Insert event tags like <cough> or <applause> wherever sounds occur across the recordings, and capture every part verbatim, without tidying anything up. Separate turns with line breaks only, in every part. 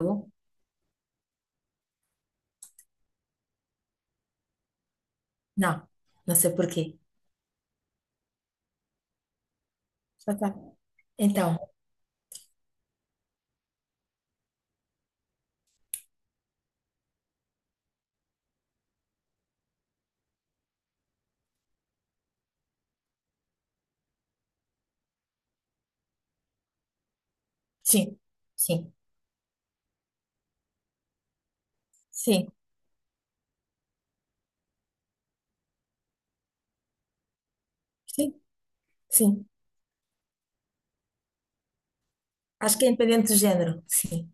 Eu? Não, não sei por quê. Ah, tá. Então, sim, sim, sim, sim, sim. Acho que é independente do género, sim.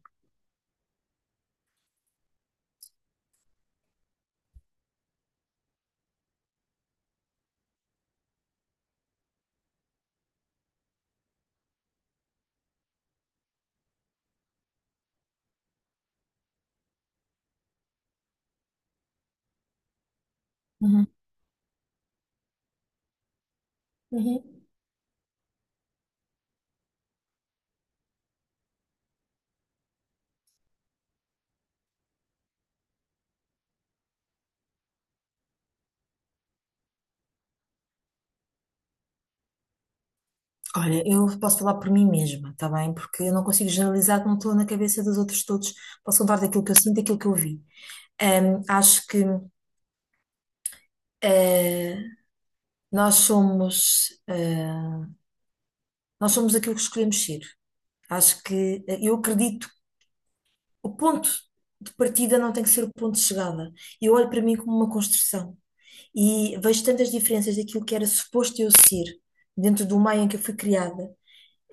Uhum, uhum. Olha, eu posso falar por mim mesma, tá bem? Porque eu não consigo generalizar, não estou na cabeça dos outros todos. Posso falar daquilo que eu sinto, daquilo que eu vi. Ahm, acho que eh, nós somos, eh, nós somos aquilo que escolhemos ser. Acho que eh, eu acredito. O ponto de partida não tem que ser o ponto de chegada. Eu olho para mim como uma construção e vejo tantas diferenças daquilo que era suposto eu ser dentro do meio em que eu fui criada,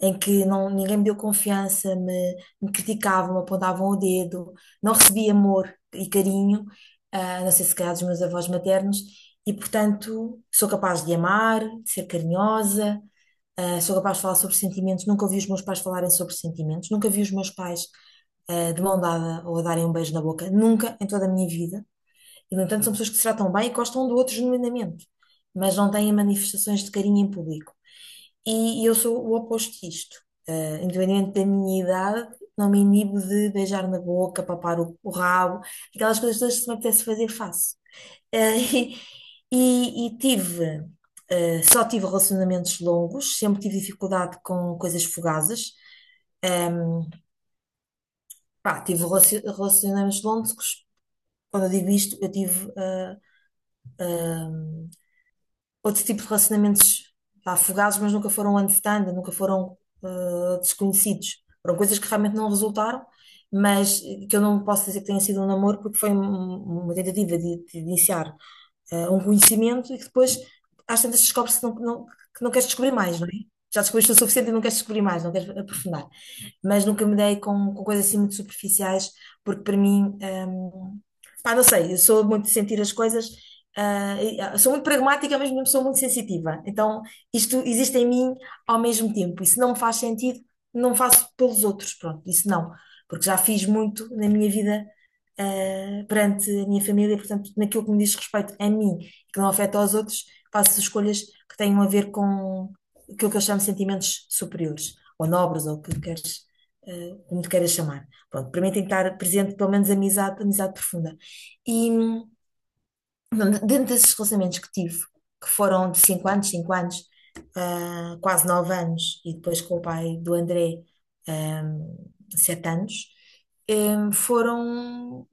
em que não, ninguém me deu confiança, me, me criticavam, apontavam o dedo, não recebi amor e carinho, ah, não sei se calhar dos meus avós maternos, e portanto sou capaz de amar, de ser carinhosa. Uh, sou capaz de falar sobre sentimentos, nunca ouvi os meus pais falarem sobre sentimentos, nunca vi os meus pais uh, de mão dada ou a darem um beijo na boca, nunca em toda a minha vida. E, no entanto, são pessoas que se tratam bem e gostam um do outro genuinamente, mas não têm manifestações de carinho em público. E, e eu sou o oposto disto. Uh, independente da minha idade, não me inibo de beijar na boca, papar o, o rabo, aquelas coisas todas que se me apetece fazer, faço. Eh, <laughs> E, e tive, eh, só tive relacionamentos longos, sempre tive dificuldade com coisas fugazes. Ehm, Pá, tive relacio- relacionamentos longos. Quando eu digo isto, eu tive eh, ehm, outro tipo de relacionamentos, pá, fugazes, mas nunca foram understand, nunca foram eh, desconhecidos. Foram coisas que realmente não resultaram, mas que eu não posso dizer que tenha sido um namoro, porque foi um- uma tentativa de, de, iniciar eh, um conhecimento e que depois às tantas descobre-se que não, não- que não queres descobrir mais, não é? Já descobriste o suficiente e não queres descobrir mais, não queres aprofundar, mas nunca me dei com, com coisas assim muito superficiais, porque para mim, hum, pá, não sei, eu sou muito de sentir as coisas, ah, e, ah, sou muito pragmática, mas mesmo sou muito sensitiva. Então, isto existe em mim ao mesmo tempo, e se não me faz sentido, não faço pelos outros, pronto, isso não, porque já fiz muito na minha vida, ah, perante a minha família. Portanto, naquilo que me diz respeito a mim, que não afeta aos outros, faço escolhas que tenham a ver com aquilo que eu chamo de sentimentos superiores, ou nobres, ou o que queres eh, como te queiras chamar. Pronto, para mim tem que estar presente pelo menos amizade, amizade profunda. E, hum, dentro desses relacionamentos que tive, que foram de cinco anos, cinco anos, ah, quase nove anos, e depois com o pai do André, hum, sete anos, hum, foram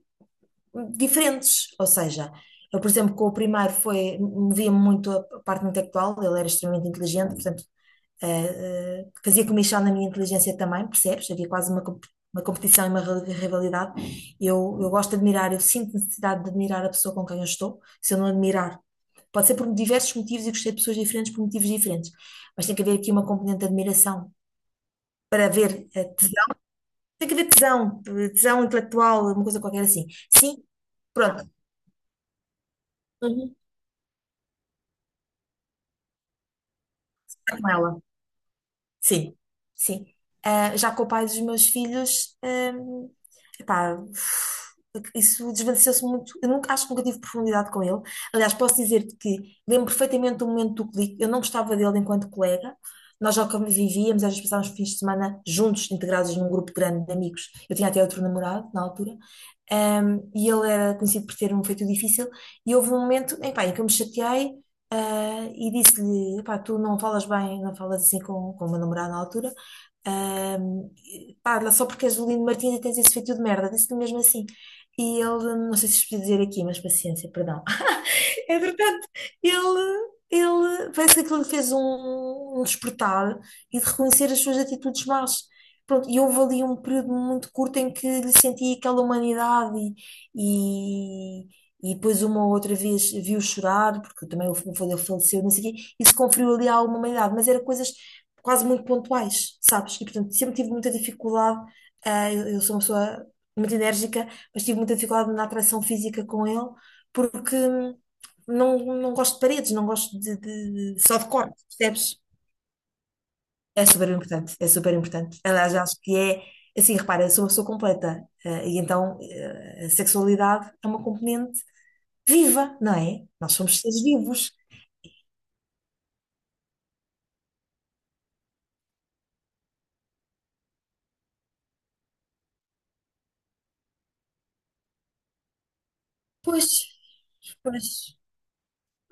diferentes. Ou seja, eu, por exemplo, com o primeiro foi, movia-me muito a parte intelectual, ele era extremamente inteligente, portanto, eh, eh, fazia comichão na minha inteligência também, percebes? Havia quase uma, comp- uma competição e uma ri- rivalidade. Eu, eu gosto de admirar, eu sinto necessidade de admirar a pessoa com quem eu estou, se eu não admirar. Pode ser por diversos motivos e gostei de pessoas diferentes por motivos diferentes, mas tem que haver aqui uma componente de admiração para haver eh, tesão. Tem que haver tesão, eh, tesão, intelectual, uma coisa qualquer assim. Sim, pronto. Uhum. Está com ela. Sim, sim. Ah, já com o pai dos meus filhos, hum, epá, uf, isso desvaneceu-se muito. Eu nunca, acho que nunca tive profundidade com ele. Aliás, posso dizer-te que lembro perfeitamente do momento do clique. Eu não gostava dele enquanto colega. Nós já convivíamos, às vezes passávamos fins de semana juntos, integrados num grupo grande de amigos. Eu tinha até outro namorado na altura. Hum, e ele era conhecido por ter um feito difícil. E houve um momento, epá, em que eu me chateei ah, e disse-lhe, pá, tu não falas bem, não falas assim com, com o meu namorado na altura. Ah, e, pá, lá só porque és o Lino Martins e tens esse feito de merda, disse-lhe mesmo assim. E ele, não sei se isto podia dizer aqui, mas paciência, perdão. <laughs> É verdade, ele, ele parece que aquilo lhe fez um, um despertar e de reconhecer as suas atitudes más. Pronto, e houve ali um período muito curto em que lhe sentia aquela humanidade, e, e, e depois uma ou outra vez viu chorar, porque também o filho dele faleceu, não sei o quê, e se conferiu ali alguma humanidade, mas era coisas quase muito pontuais, sabes? E portanto sempre tive muita dificuldade. ah, eu eu sou uma pessoa muito enérgica, mas tive muita dificuldade na atração física com ele porque não, não gosto de paredes, não gosto de, de- de- só de cortes, percebes? É super importante, é super importante. Aliás, eu acho que é, assim, repara, eu sou uma pessoa completa, eh, e então eh, a sexualidade é uma componente viva, não é? Nós somos seres vivos. Pois, pois.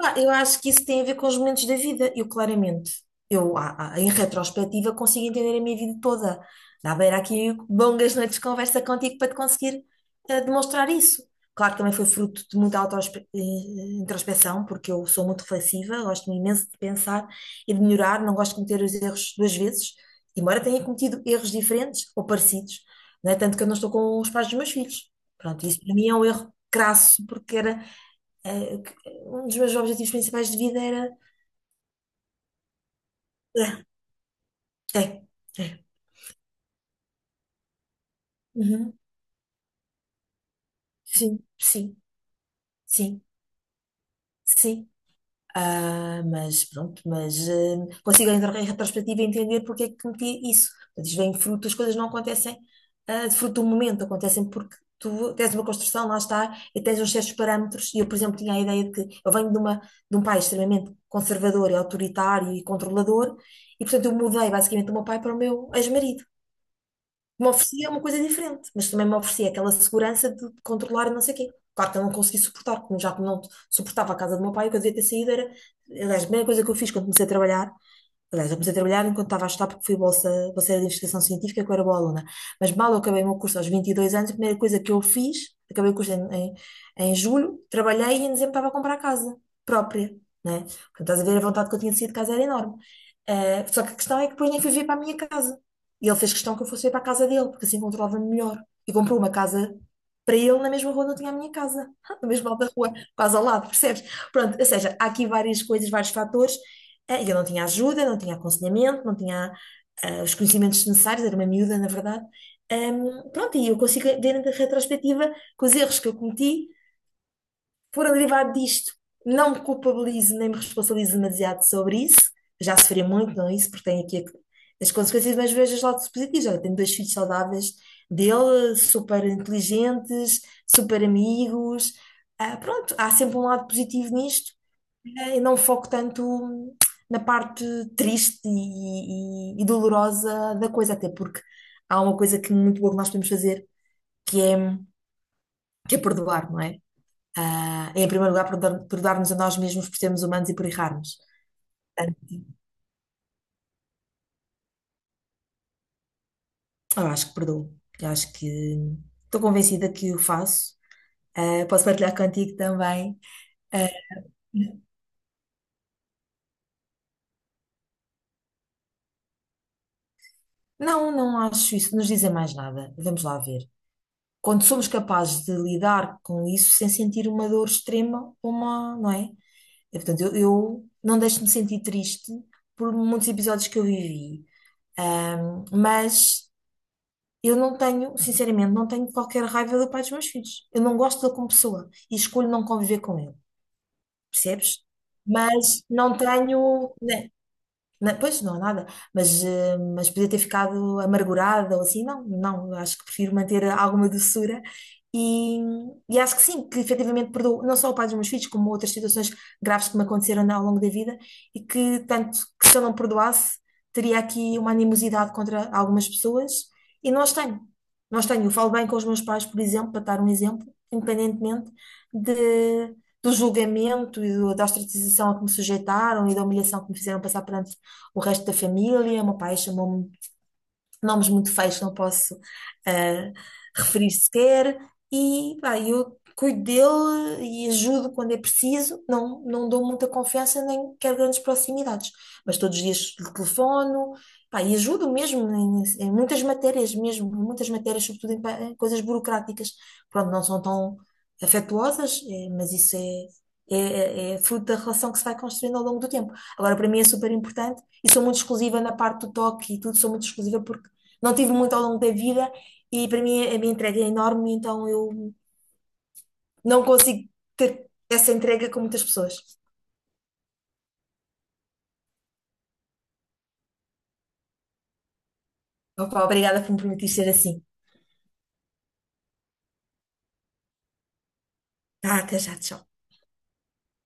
Ah, eu acho que isso tem a ver com os momentos da vida. Eu, claramente, eu, ah, ah, em retrospectiva, consigo entender a minha vida toda. Dá para ir aqui longas noites de conversa contigo para te conseguir ah, demonstrar isso. Claro que também foi fruto de muita auto-introspeção, porque eu sou muito reflexiva, gosto imenso de pensar e de melhorar, não gosto de cometer os erros duas vezes, embora tenha cometido erros diferentes ou parecidos, não é? Tanto que eu não estou com os pais dos meus filhos. Pronto, isso para mim é um erro crasso, porque era eh, que- um dos meus objetivos principais de vida era. É, é, é. Uhum. Sim, sim, sim, sim. Ah, mas pronto, mas eh, consigo em re- em retrospectiva entender porque é que cometi isso. Portanto, isto vem fruto, as coisas não acontecem ah, de fruto do momento, acontecem porque tu tens uma construção, lá está, e tens uns certos parâmetros. E eu, por exemplo, tinha a ideia de que eu venho de, uma, de um pai extremamente conservador e autoritário e controlador, e portanto eu mudei basicamente o meu pai para o meu ex-marido. Me oferecia é uma coisa diferente, mas também me oferecia aquela segurança de controlar e não sei o quê. Claro que eu não consegui suportar, como já que não suportava a casa do meu pai, o que eu devia ter saído era. Aliás, a primeira coisa que eu fiz quando comecei a trabalhar. Aliás, eu comecei a trabalhar enquanto estava a estudar, porque fui bolsa, bolseira de investigação científica, que eu era boa aluna. Mas mal eu acabei o meu curso aos vinte e dois anos, a primeira coisa que eu fiz, acabei o curso em, em, em julho, trabalhei e em dezembro estava a comprar casa própria, né? Portanto, estás a ver, a vontade que eu tinha de sair de casa era enorme. Eh, só que a questão é que depois nem fui ver para a minha casa. E ele fez questão que eu fosse ver para a casa dele, porque assim controlava-me melhor. E comprou uma casa para ele na mesma rua onde eu tinha a minha casa, <laughs> na mesma alta rua, quase ao lado, percebes? Pronto, ou seja, há aqui várias coisas, vários fatores, eh, eu não tinha ajuda, não tinha aconselhamento, não tinha ah, os conhecimentos necessários, era uma miúda, na verdade. Ahm, pronto, e eu consigo ver na retrospectiva que os erros que eu cometi foram derivados disto. Não me culpabilizo nem me responsabilizo demasiado sobre isso. Já sofri muito, não é isso, porque tenho aqui a- as consequências, mas vejo os lados positivos. Olha, tenho dois filhos saudáveis dele, super inteligentes, super amigos. Ah, pronto, há sempre um lado positivo nisto e não foco tanto na parte triste e, e- e dolorosa da coisa, até porque há uma coisa que é muito boa que nós podemos fazer, que é, que é, perdoar, não é? Ah, em primeiro lugar, perdoar- perdoar-nos a nós mesmos por sermos humanos e por errarmos. Eu acho que perdoo. Eu acho que estou convencida que o faço. Ah, posso partilhar contigo também. Ah, não, não acho isso. Nos dizem mais nada. Vamos lá ver. Quando somos capazes de lidar com isso sem sentir uma dor extrema, uma, não é? Eh, Portanto, eu, eu não deixo de me sentir triste por muitos episódios que eu vivi. Ahm, mas eu não tenho, sinceramente, não tenho qualquer raiva do pai dos meus filhos. Eu não gosto dele como pessoa e escolho não conviver com ele, percebes? Mas não tenho, né? Não, pois não há nada, mas, eh, mas podia ter ficado amargurada ou assim, não, não, acho que prefiro manter alguma doçura, e, e acho que sim, que efetivamente perdoo não só o pai dos meus filhos, como outras situações graves que me aconteceram ao longo da vida e que tanto que se eu não perdoasse, teria aqui uma animosidade contra algumas pessoas e não as tenho, não as tenho. Eu falo bem com os meus pais, por exemplo, para dar um exemplo, independentemente de do julgamento e do- da ostracização a que me sujeitaram e da humilhação que me fizeram passar perante o resto da família. O meu pai chamou-me nomes muito feios que não posso eh, referir sequer, e pá, eu cuido dele e ajudo quando é preciso, não, não dou muita confiança nem quero grandes proximidades, mas todos os dias lhe telefono, pá, e ajudo mesmo em, em muitas matérias mesmo, em muitas matérias, sobretudo em, pa- em coisas burocráticas, pronto, não são tão afetuosas, eh, mas isso é... É, é- é fruto da relação que se vai construindo ao longo do tempo. Agora, para mim é super importante e sou muito exclusiva na parte do toque e tudo, sou muito exclusiva porque não tive muito ao longo da vida e para mim a minha entrega é enorme, então eu não consigo ter essa entrega com muitas pessoas. Opa, obrigada por me permitir ser assim. Tá, até já, tchau.